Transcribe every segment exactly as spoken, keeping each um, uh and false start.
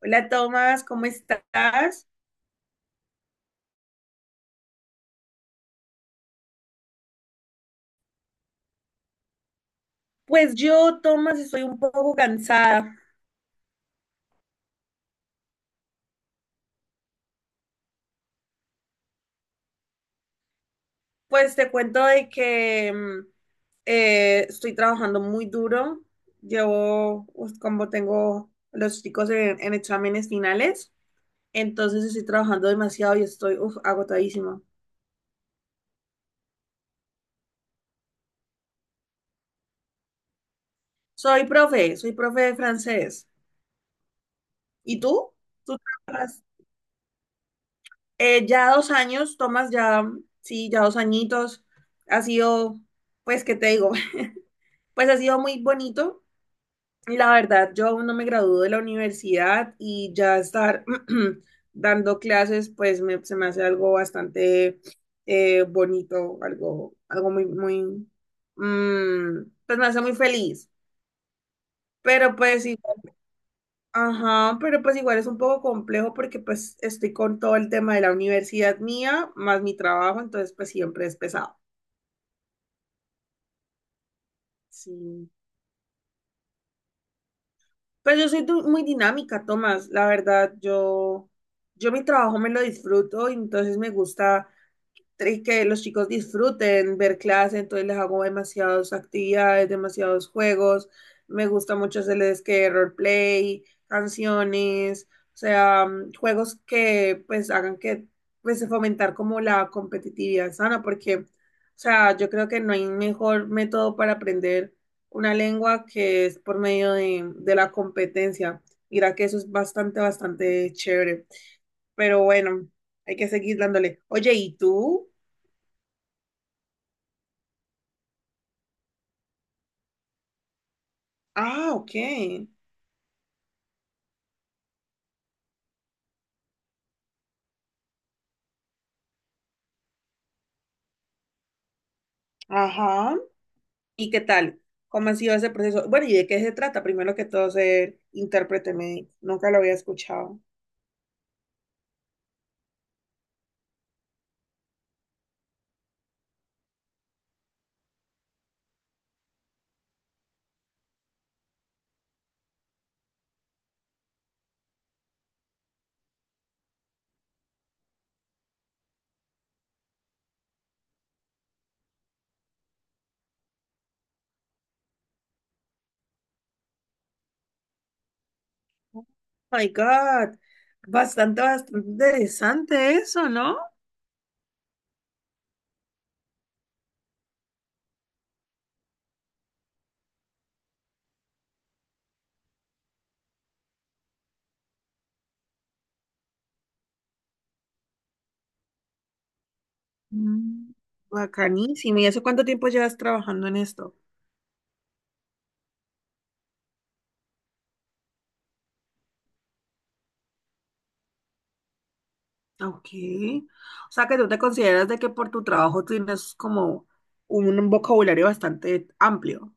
Hola Tomás, ¿cómo estás? Pues yo, Tomás, estoy un poco cansada. Pues te cuento de que mm, eh, estoy trabajando muy duro. Llevo, pues, como tengo los chicos en, en exámenes finales, entonces estoy trabajando demasiado y estoy uf, agotadísima. Soy profe, soy profe de francés. ¿Y tú? ¿Tú trabajas? Eh, ya dos años, Tomás, ya, sí, ya dos añitos. Ha sido, pues, ¿qué te digo? Pues ha sido muy bonito. La verdad, yo aún no me gradúo de la universidad y ya estar dando clases, pues me- se me hace algo bastante eh, bonito, algo, algo muy, muy, mm, pues me hace muy feliz. Pero pues, igual- ajá, pero pues igual es un poco complejo porque pues estoy con todo el tema de la universidad mía, más mi trabajo, entonces pues siempre es pesado. Sí. Pues yo soy du- muy dinámica, Tomás, la verdad, yo, yo mi trabajo me lo disfruto y entonces me gusta tres, que los chicos disfruten ver clase, entonces les hago demasiadas actividades, demasiados juegos. Me gusta mucho hacerles que roleplay, canciones, o sea, mm, juegos que pues hagan que pues fomentar como la competitividad sana, porque, o sea, yo creo que no hay mejor método para aprender una lengua que es por medio de, de la competencia. Mira que eso es bastante, bastante chévere. Pero bueno, hay que seguir dándole. Oye, ¿y tú? Ah, ok. Ajá. ¿Y qué tal? ¿Cómo ha sido ese proceso? Bueno, ¿y de qué se trata? Primero que todo, ser intérprete médico. Nunca lo había escuchado. Oh my God. Bastante, bastante interesante eso, ¿no? Mm, bacanísimo. ¿Y hace cuánto tiempo llevas trabajando en esto? Ok. O sea, que tú te consideras de que por tu trabajo tienes como un vocabulario bastante amplio.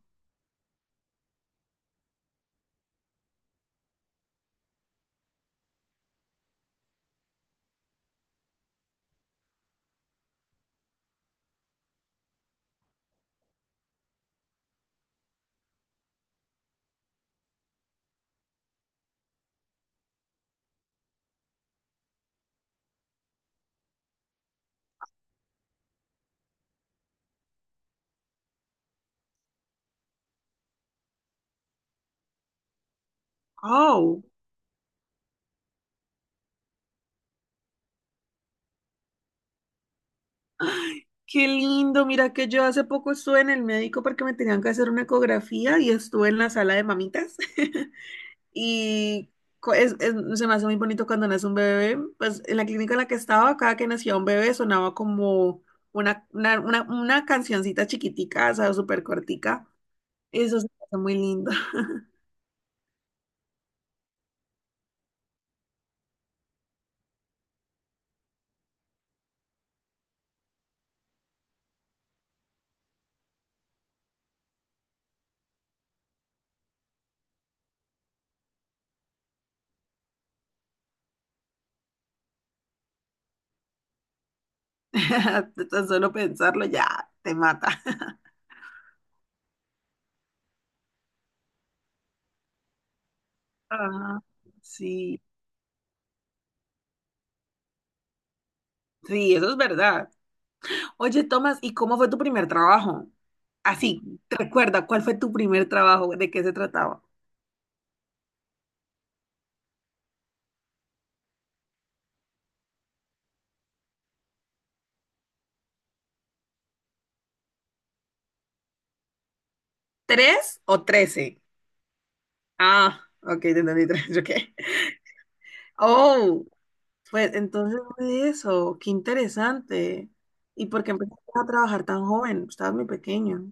Oh. Ay, qué lindo, mira que yo hace poco estuve en el médico porque me tenían que hacer una ecografía y estuve en la sala de mamitas. Y co- es- es- se me hace muy bonito cuando nace un bebé. Pues en la clínica en la que estaba, cada que nacía un bebé sonaba como una, una, una, una cancioncita chiquitica, o sea, súper cortica. Eso se me hace muy lindo. Tan solo pensarlo ya te mata. Ah, sí, sí, eso es verdad. Oye, Tomás, ¿y cómo fue tu primer trabajo? Así, recuerda, ¿cuál fue tu primer trabajo? ¿De qué se trataba? ¿Tres o trece? Ah, ok, te entendí tres, ok. Oh, pues entonces fue eso, qué interesante. ¿Y por qué empezaste a trabajar tan joven? Estabas muy pequeño.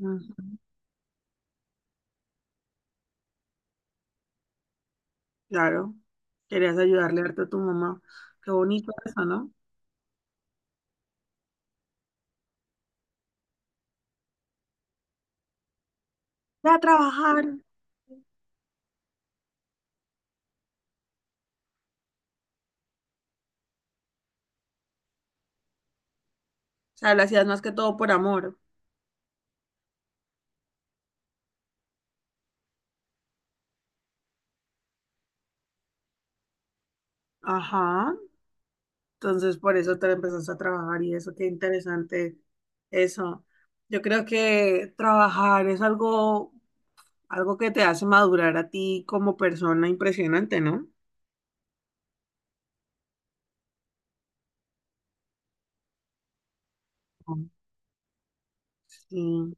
Ujú. Claro, querías ayudarle harto a tu mamá. Qué bonito eso, ¿no? Ve a trabajar. O sea, lo hacías más que todo por amor. Ajá. Entonces, por eso te empezaste a trabajar y eso, qué interesante eso. Yo creo que trabajar es algo, algo que te hace madurar a ti como persona impresionante, ¿no? Mm. Sí.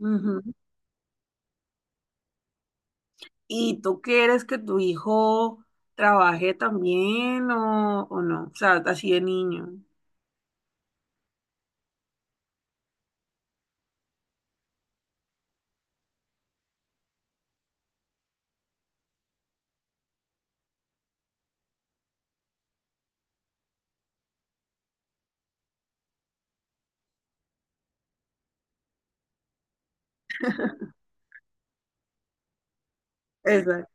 Ujú. ¿Y tú quieres que tu hijo trabaje también o, o no? O sea, así de niño. Eso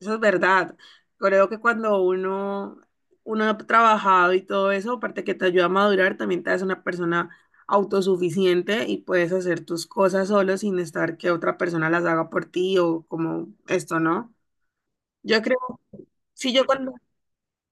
eso es verdad. Creo que cuando uno, uno ha trabajado y todo eso, aparte que te ayuda a madurar, también te hace una persona autosuficiente y puedes hacer tus cosas solo sin estar que otra persona las haga por ti o como esto, ¿no? Yo creo, si yo cuando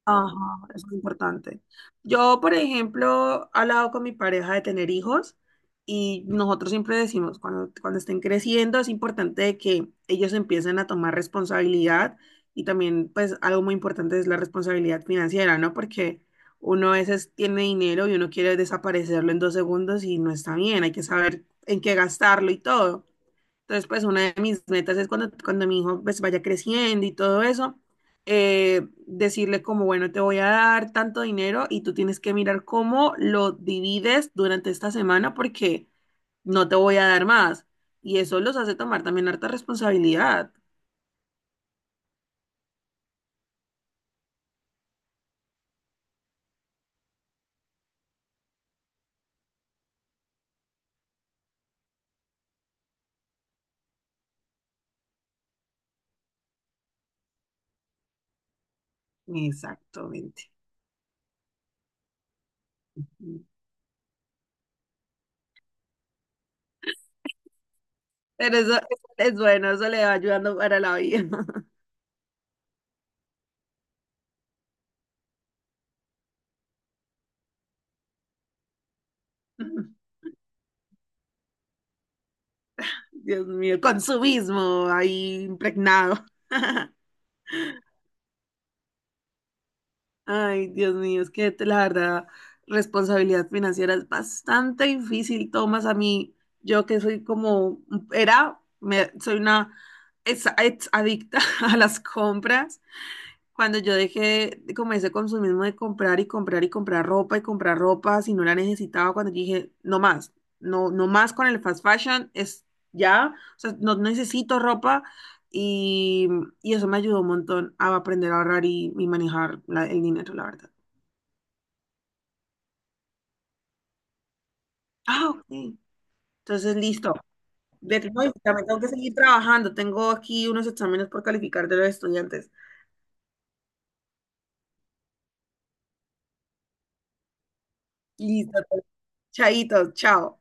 ajá, eso es importante. Yo, por ejemplo, he hablado con mi pareja de tener hijos y nosotros siempre decimos, cuando, cuando estén creciendo es importante que ellos empiecen a tomar responsabilidad y también, pues, algo muy importante es la responsabilidad financiera, ¿no? Porque uno a veces tiene dinero y uno quiere desaparecerlo en dos segundos y no está bien, hay que saber en qué gastarlo y todo. Entonces, pues una de mis metas es cuando, cuando mi hijo pues vaya creciendo y todo eso, eh, decirle como, bueno, te voy a dar tanto dinero y tú tienes que mirar cómo lo divides durante esta semana porque no te voy a dar más. Y eso los hace tomar también harta responsabilidad. Exactamente. Pero eso, eso es bueno, eso le va ayudando para la vida. Dios mío, consumismo ahí impregnado. Ay, Dios mío, es que te- la verdad, responsabilidad financiera es bastante difícil, Tomás, a mí, yo que soy como, era, me, soy una ex, ex adicta a las compras, cuando yo dejé comencé como ese consumismo de comprar y comprar y comprar ropa y comprar ropa si no la necesitaba, cuando dije, no más, no, no más con el fast fashion, es ya, o sea, no necesito ropa y, y eso me ayudó un montón a aprender a ahorrar y, y manejar la- el dinero, la verdad. Ah, ok. Entonces, listo. De que, no, y también tengo que seguir trabajando, tengo aquí unos exámenes por calificar de los estudiantes. Listo, pues, chaitos, chao.